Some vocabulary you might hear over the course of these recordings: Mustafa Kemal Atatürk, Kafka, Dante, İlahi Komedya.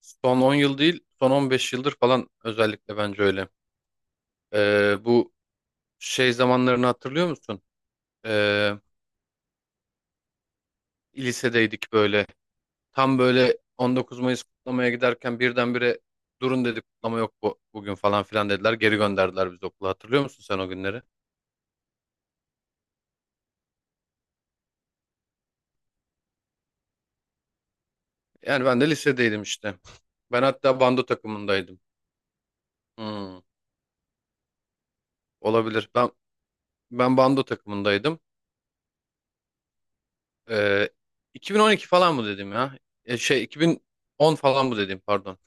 Son 10 yıl değil, son 15 yıldır falan özellikle bence öyle. Bu şey zamanlarını hatırlıyor musun? Ee, Lisedeydik böyle. Tam böyle 19 Mayıs kutlamaya giderken birdenbire durun dedi, kutlama yok bu, bugün falan filan dediler. Geri gönderdiler bizi okula. Hatırlıyor musun sen o günleri? Yani ben de lisedeydim işte. Ben hatta bando takımındaydım. Hmm, olabilir. Ben bando takımındaydım. Ee, 2012 falan mı dedim ya? Şey 2010 falan mı dedim, pardon.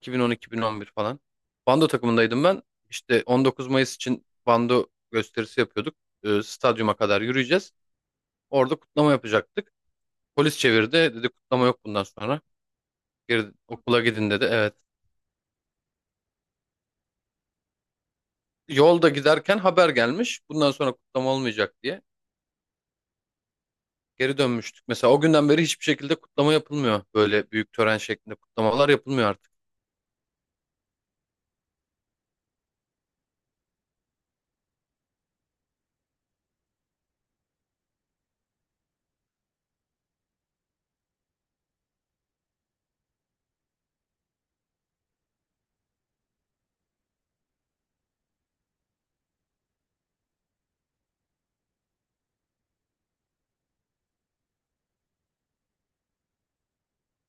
2010-2011 falan. Bando takımındaydım ben. İşte 19 Mayıs için bando gösterisi yapıyorduk. Stadyuma kadar yürüyeceğiz. Orada kutlama yapacaktık. Polis çevirdi. Dedi kutlama yok bundan sonra. Geri okula gidin dedi. Evet. Yolda giderken haber gelmiş. Bundan sonra kutlama olmayacak diye. Geri dönmüştük. Mesela o günden beri hiçbir şekilde kutlama yapılmıyor. Böyle büyük tören şeklinde kutlamalar yapılmıyor artık.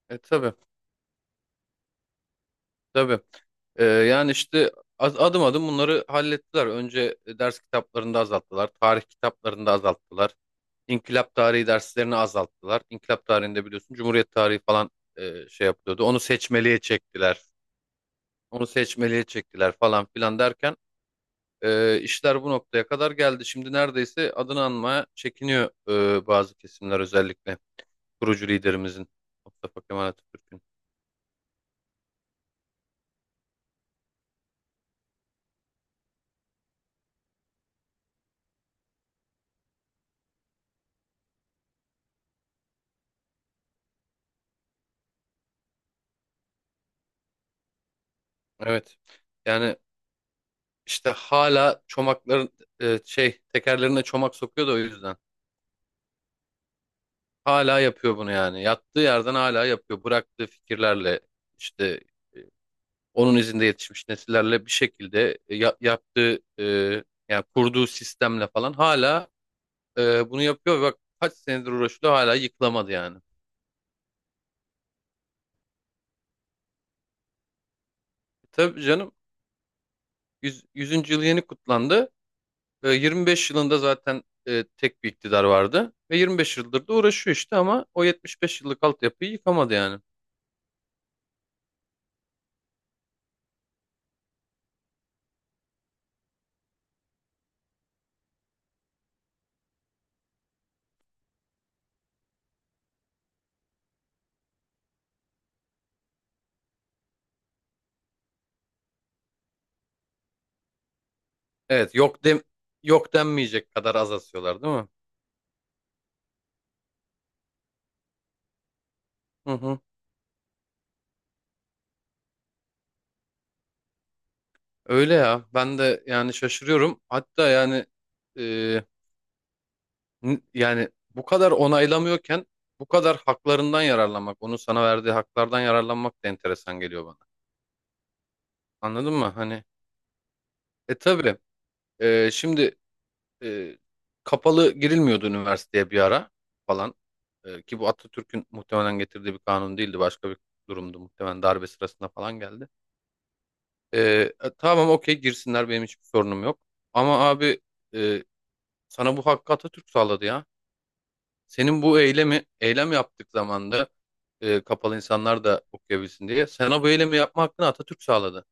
E tabii. Tabii. Yani işte adım adım bunları hallettiler. Önce ders kitaplarında azalttılar. Tarih kitaplarında azalttılar. İnkılap tarihi derslerini azalttılar. İnkılap tarihinde biliyorsun Cumhuriyet tarihi falan şey yapıyordu. Onu seçmeliğe çektiler. Onu seçmeliğe çektiler falan filan derken işler bu noktaya kadar geldi. Şimdi neredeyse adını anmaya çekiniyor bazı kesimler, özellikle kurucu liderimizin, Mustafa Kemal Atatürk'ün. Evet. Yani İşte hala çomakların şey, tekerlerine çomak sokuyor da o yüzden. Hala yapıyor bunu yani. Yattığı yerden hala yapıyor. Bıraktığı fikirlerle işte onun izinde yetişmiş nesillerle bir şekilde yaptığı yani kurduğu sistemle falan hala bunu yapıyor. Ve bak kaç senedir uğraşıyor, hala yıkılamadı yani. E, tabii canım, 100, 100. yılı yeni kutlandı. E, 25 yılında zaten tek bir iktidar vardı. Ve 25 yıldır da uğraşıyor işte ama o 75 yıllık altyapıyı yıkamadı yani. Evet, yok denmeyecek kadar az asıyorlar, değil mi? Hı hı. Öyle ya. Ben de yani şaşırıyorum. Hatta e, yani, bu kadar onaylamıyorken bu kadar haklarından yararlanmak, onun sana verdiği haklardan yararlanmak da enteresan geliyor bana. Anladın mı? Hani tabii, şimdi e, kapalı girilmiyordu üniversiteye bir ara falan. Ki bu Atatürk'ün muhtemelen getirdiği bir kanun değildi. Başka bir durumdu. Muhtemelen darbe sırasında falan geldi. Ee, tamam okey, girsinler, benim hiçbir sorunum yok. Ama abi, e, sana bu hakkı Atatürk sağladı ya. Senin bu eylemi eylem yaptık zamanda kapalı insanlar da okuyabilsin diye. Sana bu eylemi yapma hakkını Atatürk sağladı.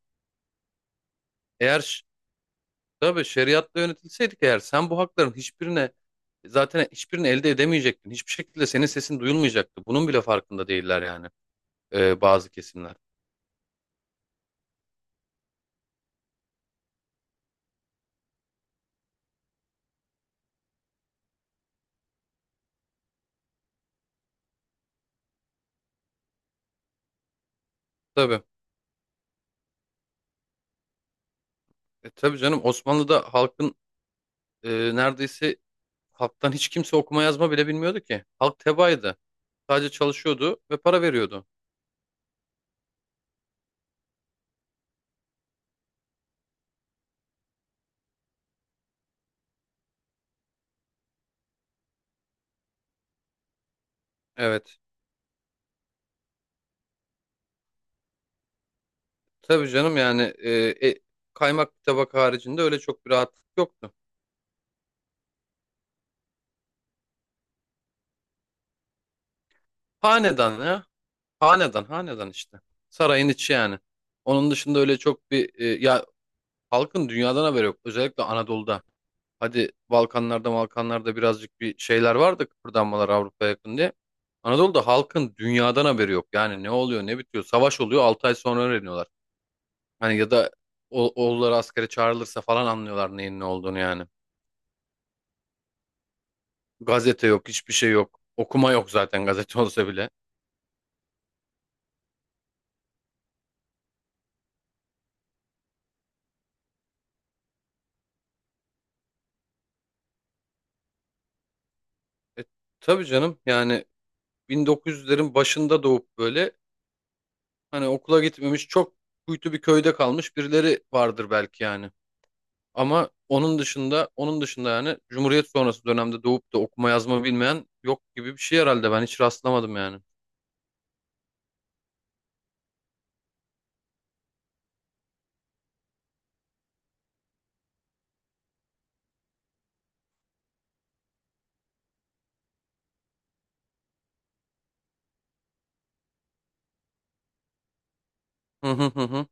Eğer ş- tabii şeriatla yönetilseydik eğer, sen bu hakların hiçbirine, zaten hiçbirini elde edemeyecektin. Hiçbir şekilde senin sesin duyulmayacaktı. Bunun bile farkında değiller yani bazı kesimler. Tabii. E, tabii canım, Osmanlı'da halkın e, neredeyse halktan hiç kimse okuma yazma bile bilmiyordu ki. Halk tebaaydı. Sadece çalışıyordu ve para veriyordu. Evet. Tabii canım yani, e, kaymak bir tabak haricinde öyle çok bir rahatlık yoktu. Hanedan ya. Hanedan, hanedan işte. Sarayın içi yani. Onun dışında öyle çok bir halkın dünyadan haberi yok. Özellikle Anadolu'da. Hadi Balkanlarda, Balkanlarda birazcık bir şeyler vardı, kıpırdanmalar, Avrupa'ya yakın diye. Anadolu'da halkın dünyadan haberi yok. Yani ne oluyor, ne bitiyor. Savaş oluyor, 6 ay sonra öğreniyorlar. Hani ya da oğulları askere çağrılırsa falan anlıyorlar neyin ne olduğunu yani. Gazete yok, hiçbir şey yok. Okuma yok zaten, gazete olsa bile. E, tabii canım yani 1900'lerin başında doğup böyle hani okula gitmemiş, çok kuytu bir köyde kalmış birileri vardır belki yani. Ama onun dışında yani Cumhuriyet sonrası dönemde doğup da okuma yazma bilmeyen yok gibi bir şey herhalde, ben hiç rastlamadım yani.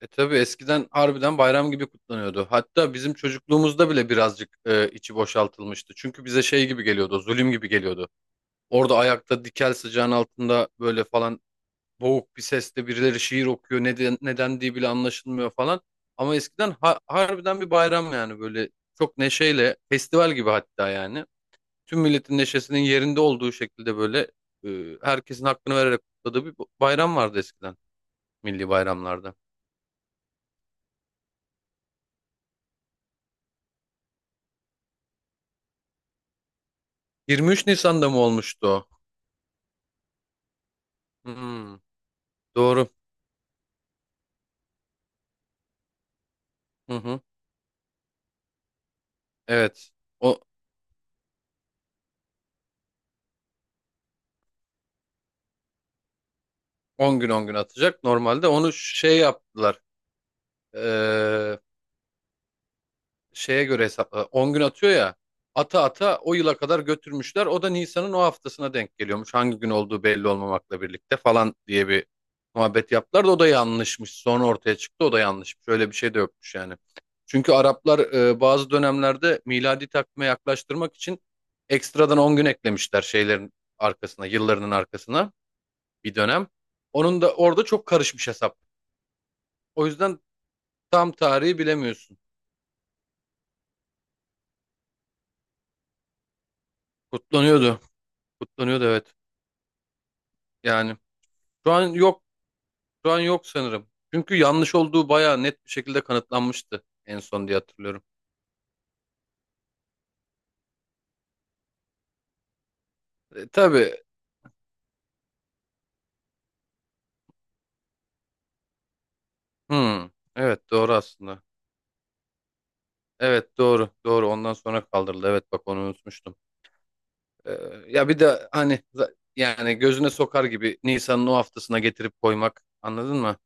E tabii, eskiden harbiden bayram gibi kutlanıyordu. Hatta bizim çocukluğumuzda bile birazcık içi boşaltılmıştı. Çünkü bize şey gibi geliyordu, zulüm gibi geliyordu. Orada ayakta dikel, sıcağın altında böyle falan, boğuk bir sesle birileri şiir okuyor. Neden, neden diye bile anlaşılmıyor falan. Ama eskiden harbiden bir bayram yani, böyle çok neşeyle, festival gibi hatta yani. Tüm milletin neşesinin yerinde olduğu şekilde böyle herkesin hakkını vererek kutladığı bir bayram vardı eskiden, milli bayramlarda. 23 Nisan'da mı olmuştu o? Hmm, doğru. Hı hı. Evet. O 10 gün 10 gün atacak. Normalde onu şey yaptılar. Ee, Şeye göre hesapla. 10 gün atıyor ya. Ata ata o yıla kadar götürmüşler. O da Nisan'ın o haftasına denk geliyormuş. Hangi gün olduğu belli olmamakla birlikte falan diye bir muhabbet yaptılar da o da yanlışmış. Sonra ortaya çıktı, o da yanlışmış. Öyle bir şey de yokmuş yani. Çünkü Araplar bazı dönemlerde miladi takvime yaklaştırmak için ekstradan 10 gün eklemişler şeylerin arkasına, yıllarının arkasına. Bir dönem. Onun da orada çok karışmış hesap. O yüzden tam tarihi bilemiyorsun. Kutlanıyordu. Kutlanıyordu, evet. Yani şu an yok. Şu an yok sanırım. Çünkü yanlış olduğu bayağı net bir şekilde kanıtlanmıştı en son diye hatırlıyorum. E, tabii. Hmm. Evet doğru, aslında. Evet doğru. Doğru. Ondan sonra kaldırıldı. Evet bak, onu unutmuştum. E, ya bir de hani yani gözüne sokar gibi Nisan'ın o haftasına getirip koymak. Anladın mı?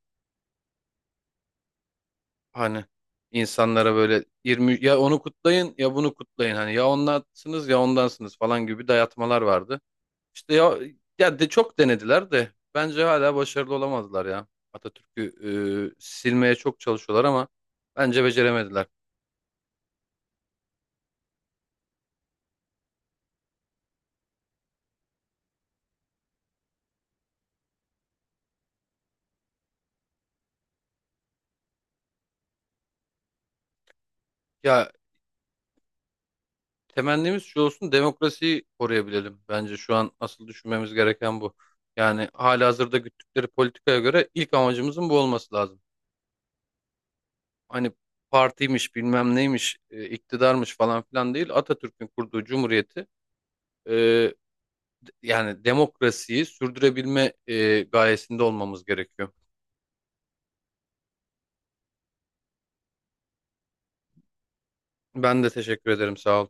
Hani insanlara böyle 20, ya onu kutlayın ya bunu kutlayın, hani ya onlansınız ya ondansınız falan gibi dayatmalar vardı. İşte ya, ya de çok denediler de bence hala başarılı olamadılar ya. Atatürk'ü silmeye çok çalışıyorlar ama bence beceremediler. Ya, temennimiz şu olsun, demokrasiyi koruyabilelim. Bence şu an asıl düşünmemiz gereken bu. Yani halihazırda güttükleri politikaya göre ilk amacımızın bu olması lazım. Hani partiymiş, bilmem neymiş, iktidarmış falan filan değil, Atatürk'ün kurduğu cumhuriyeti e, demokrasiyi sürdürebilme gayesinde olmamız gerekiyor. Ben de teşekkür ederim, sağ ol.